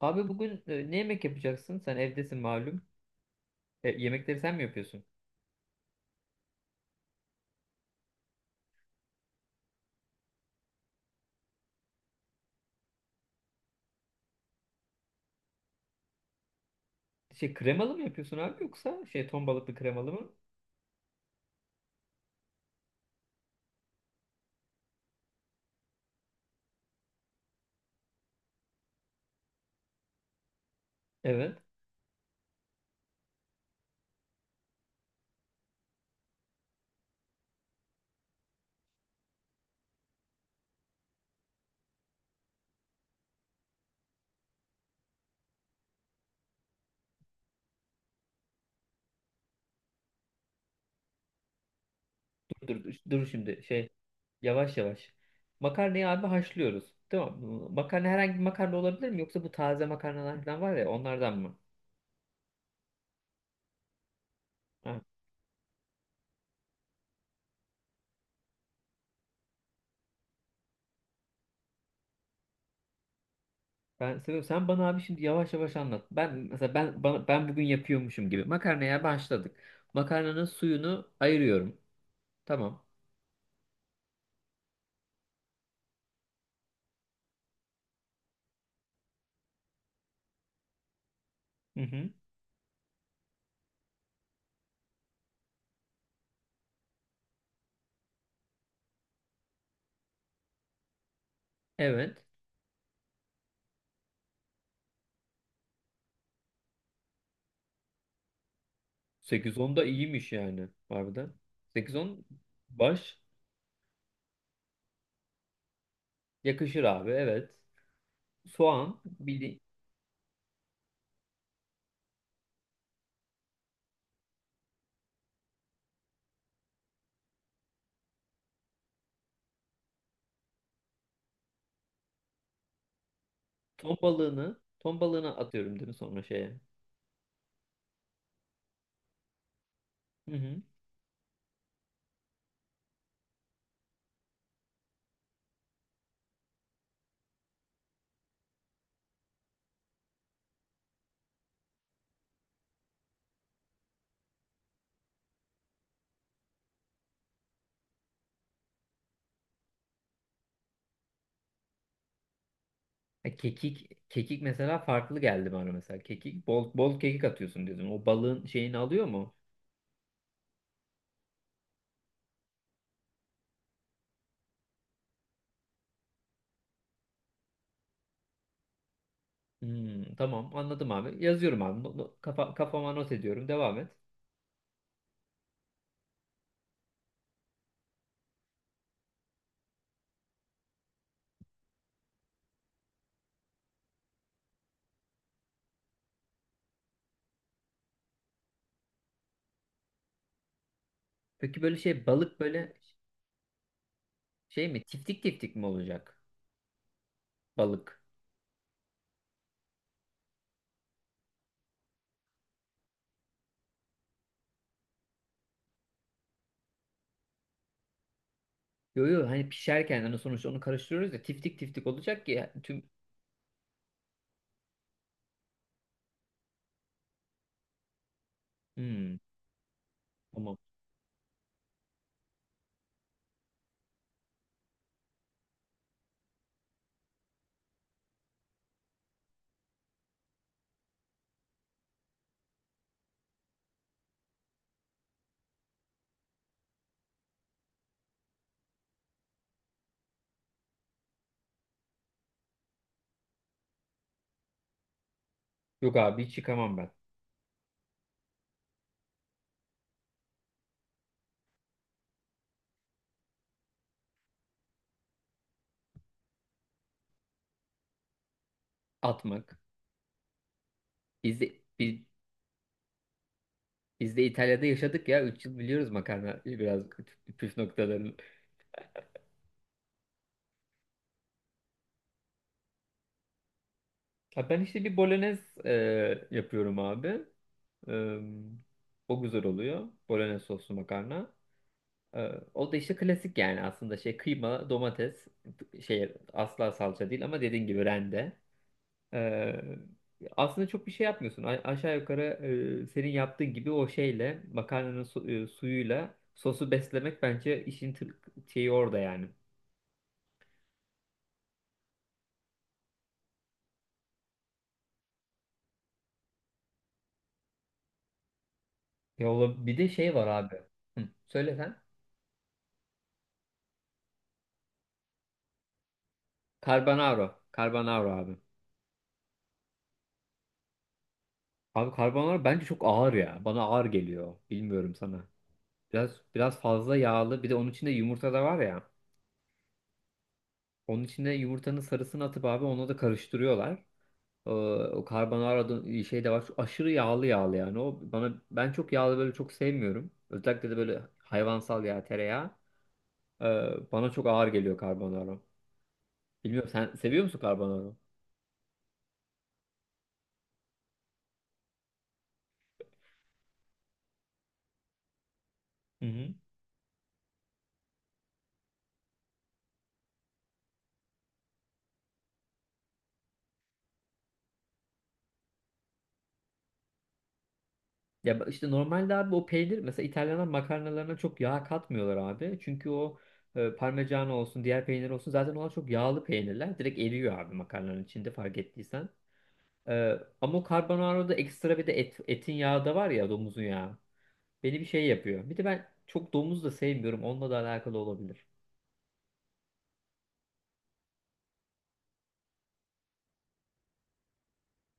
Abi bugün ne yemek yapacaksın? Sen evdesin malum. Yemekleri sen mi yapıyorsun? Şey kremalı mı yapıyorsun abi yoksa şey ton balıklı kremalı mı? Evet. Dur dur dur, dur şimdi şey yavaş yavaş. Makarnayı abi haşlıyoruz. Tamam mı? Makarna herhangi bir makarna olabilir mi? Yoksa bu taze makarnalar falan var ya onlardan mı? Ha, ben seviyorum. Sen bana abi şimdi yavaş yavaş anlat. Ben mesela ben bugün yapıyormuşum gibi. Makarnaya başladık. Makarnanın suyunu ayırıyorum. Tamam. Hı hı. Evet. 8-10 da iyiymiş yani harbiden. 8-10 baş yakışır abi evet. Soğan, bildi ton balığını atıyorum değil mi sonra şeye? Hı hı. Kekik mesela farklı geldi bana mesela. Kekik, bol bol kekik atıyorsun dedim. O balığın şeyini alıyor mu? Hmm, tamam anladım abi. Yazıyorum abi. Kafama not ediyorum. Devam et. Peki böyle şey balık böyle şey mi? Tiftik tiftik mi olacak balık? Yo yo hani pişerken hani sonuçta onu karıştırıyoruz ya tiftik tiftik olacak ki ya, tüm. Hmm, tamam. Yok abi hiç yıkamam ben. Atmak. Biz de biz, biz de İtalya'da yaşadık ya 3 yıl biliyoruz makarna biraz püf noktalarını. Ha, ben işte bir bolognese yapıyorum abi. E, O güzel oluyor. Bolognese soslu makarna. E, O da işte klasik yani aslında şey kıyma, domates, şey asla salça değil ama dediğin gibi rende. Ee, Aslında çok bir şey yapmıyorsun. Aşağı yukarı senin yaptığın gibi o şeyle makarnanın suyuyla sosu beslemek bence işin şeyi orada yani. Ya bir de şey var abi. Hı, söyle sen. Carbonaro. Carbonaro abi. Abi carbonaro bence çok ağır ya. Bana ağır geliyor. Bilmiyorum sana. Biraz fazla yağlı. Bir de onun içinde yumurta da var ya. Onun içinde yumurtanın sarısını atıp abi onu da karıştırıyorlar. Ee, O carbonara'da şey de var. Şu aşırı yağlı yağlı yani. O bana ben çok yağlı böyle çok sevmiyorum. Özellikle de böyle hayvansal yağ, tereyağı. Bana çok ağır geliyor carbonara. Bilmiyorum sen seviyor musun carbonara? Hı hı. Ya işte normalde abi o peynir mesela İtalyanlar makarnalarına çok yağ katmıyorlar abi. Çünkü o parmigiano olsun diğer peynir olsun zaten onlar çok yağlı peynirler. Direkt eriyor abi makarnanın içinde fark ettiysen. Ama o carbonara'da ekstra bir de etin yağı da var ya domuzun yağı. Beni bir şey yapıyor. Bir de ben çok domuz da sevmiyorum. Onunla da alakalı olabilir.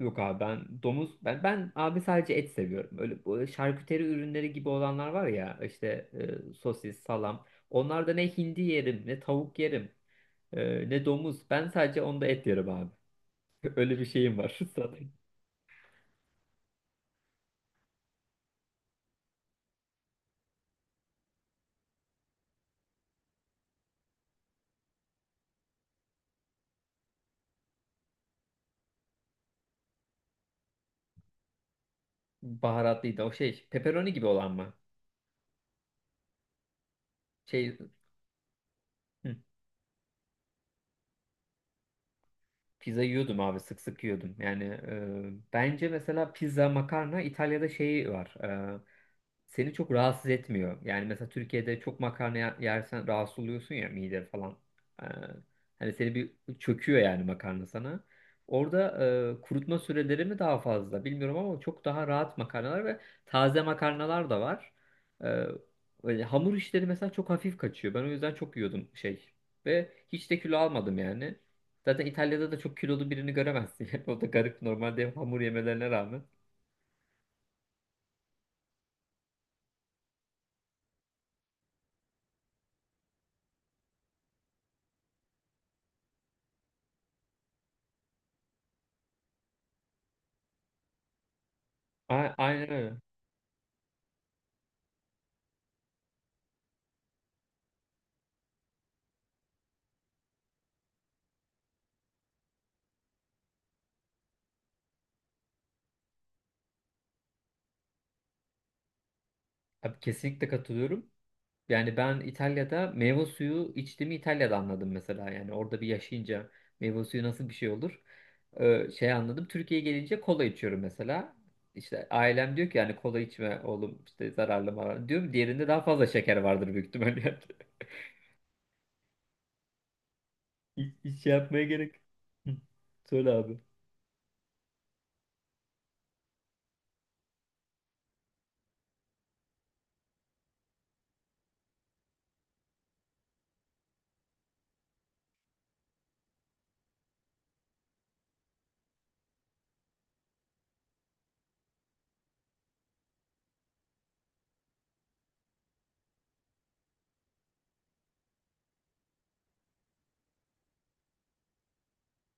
Yok abi ben domuz ben ben abi sadece et seviyorum. Öyle bu şarküteri ürünleri gibi olanlar var ya işte sosis, salam. Onlarda ne hindi yerim, ne tavuk yerim, ne domuz. Ben sadece onda et yerim abi. Öyle bir şeyim var. Zaten baharatlıydı o şey. Pepperoni gibi olan mı? Şey hı. Pizza yiyordum abi sık sık yiyordum. Yani bence mesela pizza, makarna İtalya'da şey var. e, Seni çok rahatsız etmiyor. Yani mesela Türkiye'de çok makarna yersen rahatsız oluyorsun ya mide falan. E, Hani seni bir çöküyor yani makarna sana. Orada kurutma süreleri mi daha fazla bilmiyorum ama çok daha rahat makarnalar ve taze makarnalar da var. E, Öyle hamur işleri mesela çok hafif kaçıyor. Ben o yüzden çok yiyordum şey. Ve hiç de kilo almadım yani. Zaten İtalya'da da çok kilolu birini göremezsin. Yani o da garip normalde hep hamur yemelerine rağmen. A aynen öyle. Abi kesinlikle katılıyorum. Yani ben İtalya'da meyve suyu içtiğimi İtalya'da anladım mesela. Yani orada bir yaşayınca meyve suyu nasıl bir şey olur? Şey anladım. Türkiye'ye gelince kola içiyorum mesela. İşte ailem diyor ki yani kola içme oğlum işte zararlı mı? Diyorum diğerinde daha fazla şeker vardır büyük ihtimalle. yani. Hiç şey yapmaya gerek. Hı. Söyle abi.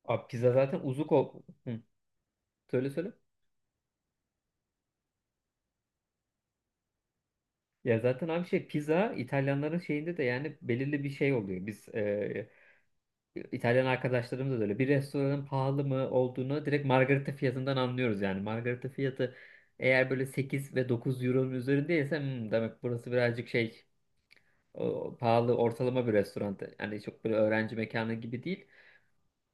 Abi pizza zaten uzuk ol. Hı. Söyle söyle. Ya zaten abi şey pizza İtalyanların şeyinde de yani belirli bir şey oluyor. Biz İtalyan arkadaşlarımız da öyle. Bir restoranın pahalı mı olduğunu direkt margarita fiyatından anlıyoruz yani. Margarita fiyatı eğer böyle 8 ve 9 euronun üzerindeyse "Hmm, demek burası birazcık şey pahalı ortalama bir restoran." Yani çok böyle öğrenci mekanı gibi değil.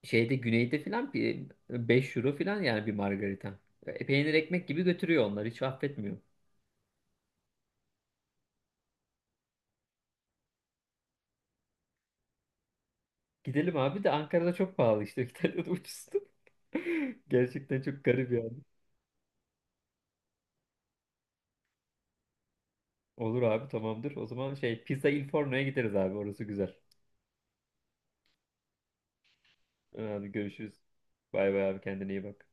Şeyde güneyde filan bir 5 euro filan yani bir margarita. Peynir ekmek gibi götürüyor onlar hiç affetmiyor. Gidelim abi de Ankara'da çok pahalı işte. İtalya'da ucuzdu. Gerçekten çok garip yani. Olur abi tamamdır. O zaman şey Pizza Il Forno'ya gideriz abi. Orası güzel. Hadi görüşürüz. Bay bay abi kendine iyi bak.